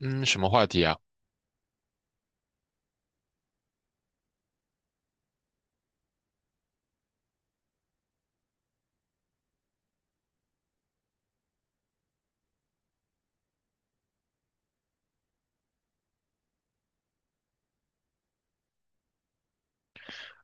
嗯，什么话题啊？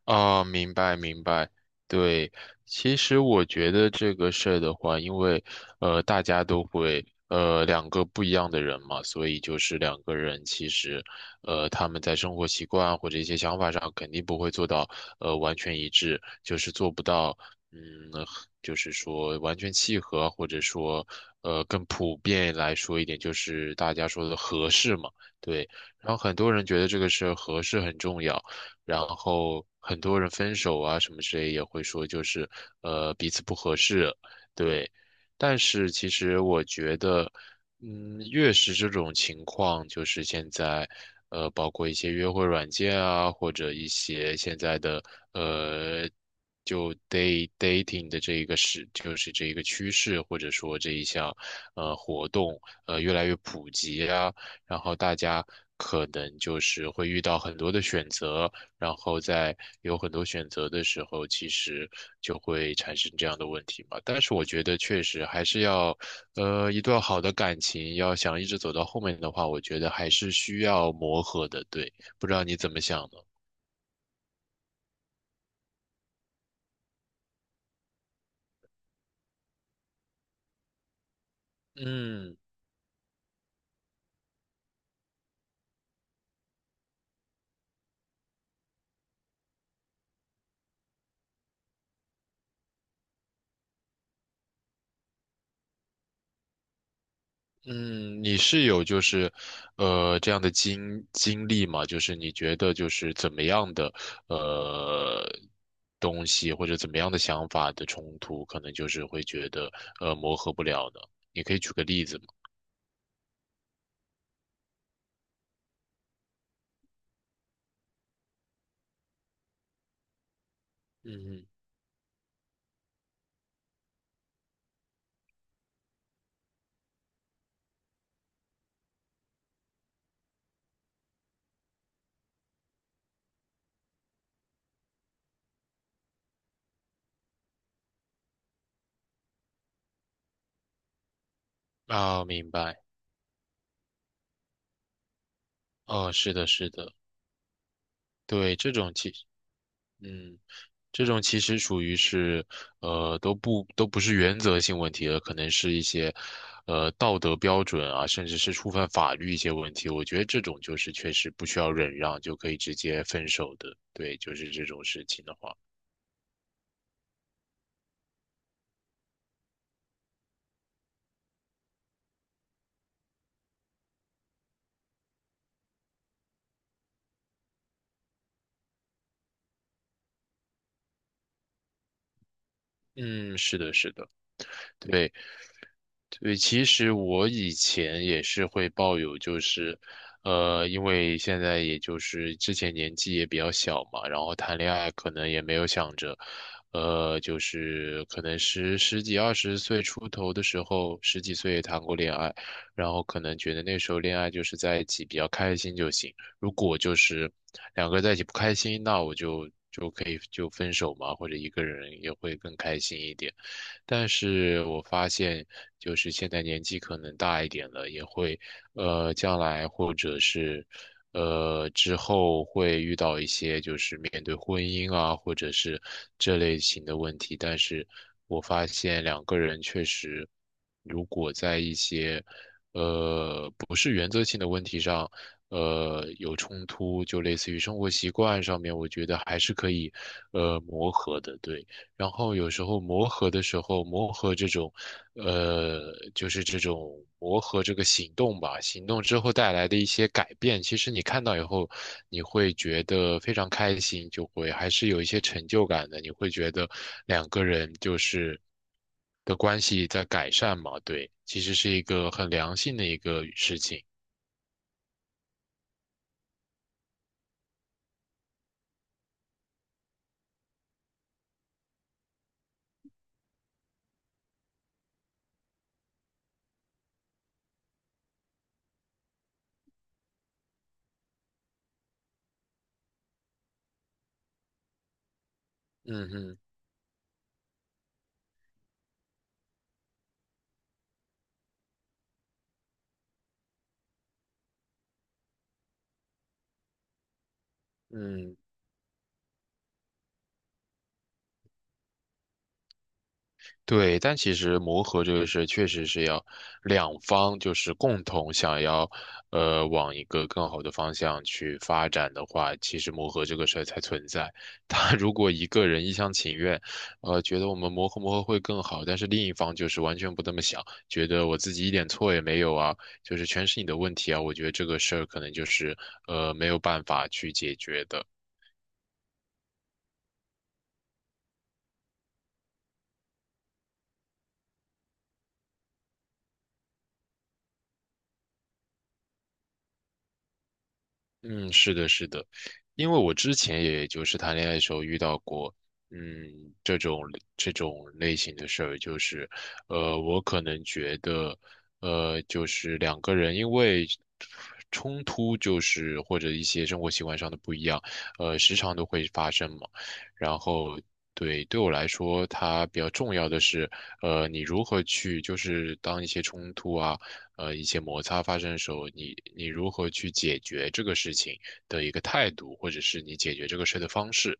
啊？明白明白。对，其实我觉得这个事儿的话，因为大家都会,两个不一样的人嘛，所以就是两个人其实,他们在生活习惯或者一些想法上肯定不会做到,完全一致，就是做不到嗯，就是说完全契合，或者说,更普遍来说一点，就是大家说的合适嘛。对，然后很多人觉得这个事儿合适很重要。然后很多人分手啊什么之类也会说就是,彼此不合适，对。但是其实我觉得，嗯，越是这种情况，就是现在，包括一些约会软件啊，或者一些现在的呃，就 day dating 的这一个是，就是这一个趋势，或者说这一项,活动，越来越普及啊，然后大家可能就是会遇到很多的选择，然后在有很多选择的时候，其实就会产生这样的问题嘛。但是我觉得确实还是要，一段好的感情要想一直走到后面的话，我觉得还是需要磨合的。对，不知道你怎么想呢？嗯。嗯，你是有就是，这样的经历吗？就是你觉得就是怎么样的呃东西或者怎么样的想法的冲突，可能就是会觉得,磨合不了呢？你可以举个例子吗？嗯，啊，明白。哦，是的，是的，对，这种其嗯。这种其实属于是，都不是原则性问题了，可能是一些，道德标准啊，甚至是触犯法律一些问题。我觉得这种就是确实不需要忍让就可以直接分手的，对，就是这种事情的话，嗯，是的，是的，对。对，其实我以前也是会抱有，就是，因为现在也就是之前年纪也比较小嘛，然后谈恋爱可能也没有想着，就是可能十几二十岁出头的时候，十几岁也谈过恋爱，然后可能觉得那时候恋爱就是在一起比较开心就行，如果就是两个人在一起不开心，那我就可以就分手嘛，或者一个人也会更开心一点。但是我发现，就是现在年纪可能大一点了，也会，将来或者是，之后会遇到一些就是面对婚姻啊，或者是这类型的问题。但是我发现两个人确实，如果在一些，不是原则性的问题上，有冲突，就类似于生活习惯上面，我觉得还是可以，磨合的，对。然后有时候磨合的时候，磨合这种，呃，就是这种磨合这个行动吧，行动之后带来的一些改变，其实你看到以后，你会觉得非常开心，就会还是有一些成就感的，你会觉得两个人就是的关系在改善嘛，对，其实是一个很良性的一个事情。嗯嗯嗯，对，但其实磨合这个事确实是要两方就是共同想要，往一个更好的方向去发展的话，其实磨合这个事儿才存在。他如果一个人一厢情愿，觉得我们磨合磨合会更好，但是另一方就是完全不这么想，觉得我自己一点错也没有啊，就是全是你的问题啊，我觉得这个事儿可能就是,没有办法去解决的。嗯，是的，是的，因为我之前也就是谈恋爱的时候遇到过，嗯，这种这种类型的事儿，就是，我可能觉得，就是两个人因为冲突，就是或者一些生活习惯上的不一样，时常都会发生嘛。然后，对，对我来说，它比较重要的是，你如何去就是当一些冲突啊。一些摩擦发生的时候，你如何去解决这个事情的一个态度，或者是你解决这个事的方式。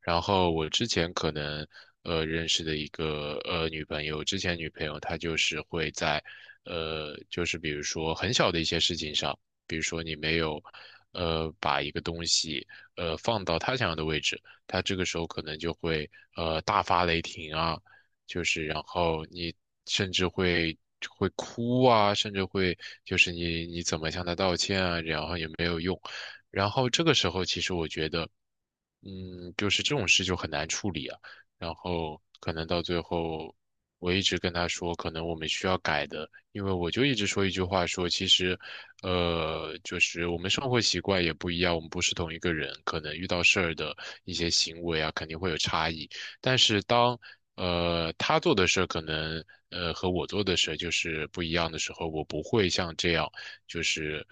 然后我之前可能,认识的一个,女朋友，之前女朋友她就是会在,就是比如说很小的一些事情上，比如说你没有,把一个东西,放到她想要的位置，她这个时候可能就会,大发雷霆啊，就是然后你甚至会。会哭啊，甚至会就是你怎么向她道歉啊，然后也没有用。然后这个时候，其实我觉得，嗯，就是这种事就很难处理啊。然后可能到最后，我一直跟他说，可能我们需要改的，因为我就一直说一句话说，其实，就是我们生活习惯也不一样，我们不是同一个人，可能遇到事儿的一些行为啊，肯定会有差异。但是当他做的事儿可能，和我做的事儿就是不一样的时候，我不会像这样，就是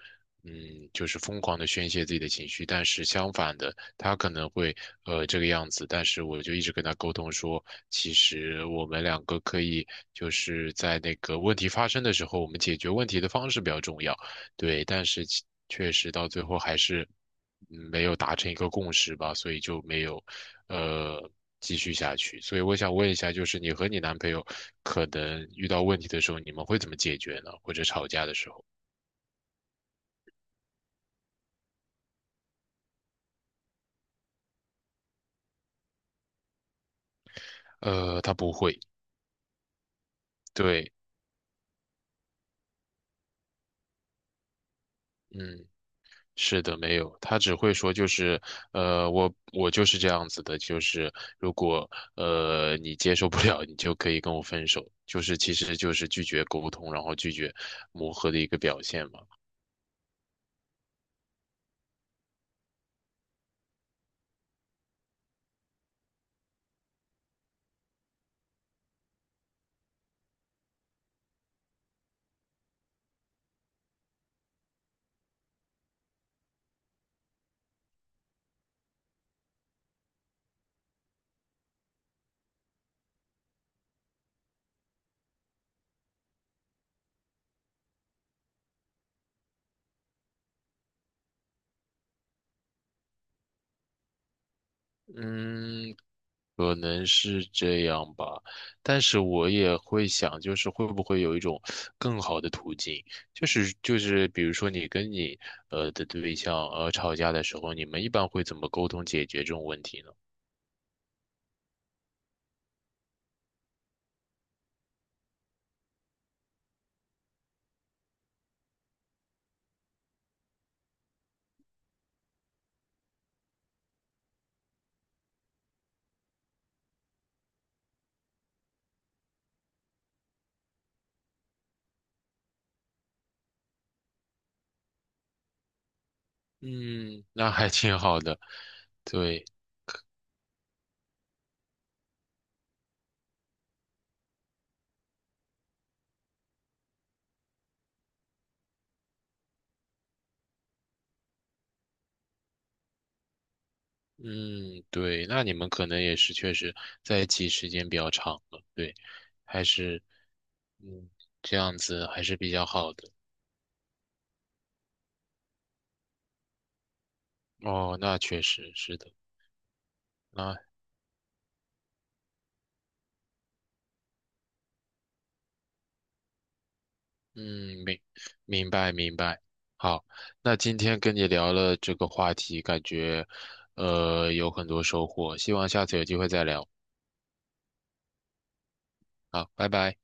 嗯，就是疯狂的宣泄自己的情绪，但是相反的，他可能会,这个样子，但是我就一直跟他沟通说，其实我们两个可以就是在那个问题发生的时候，我们解决问题的方式比较重要，对，但是其确实到最后还是,没有达成一个共识吧，所以就没有呃继续下去，所以我想问一下，就是你和你男朋友可能遇到问题的时候，你们会怎么解决呢？或者吵架的时候，他不会。对，嗯，是的，没有，他只会说就是，我就是这样子的，就是如果,你接受不了，你就可以跟我分手，就是其实就是拒绝沟通，然后拒绝磨合的一个表现嘛。嗯，可能是这样吧，但是我也会想，就是会不会有一种更好的途径，就是比如说你跟你,的对象,吵架的时候，你们一般会怎么沟通解决这种问题呢？嗯，那还挺好的，对，嗯，对，那你们可能也是确实在一起时间比较长了，对，还是，嗯，这样子还是比较好的。哦，那确实是的，那，嗯，明白明白。好，那今天跟你聊了这个话题，感觉，有很多收获，希望下次有机会再聊。好，拜拜。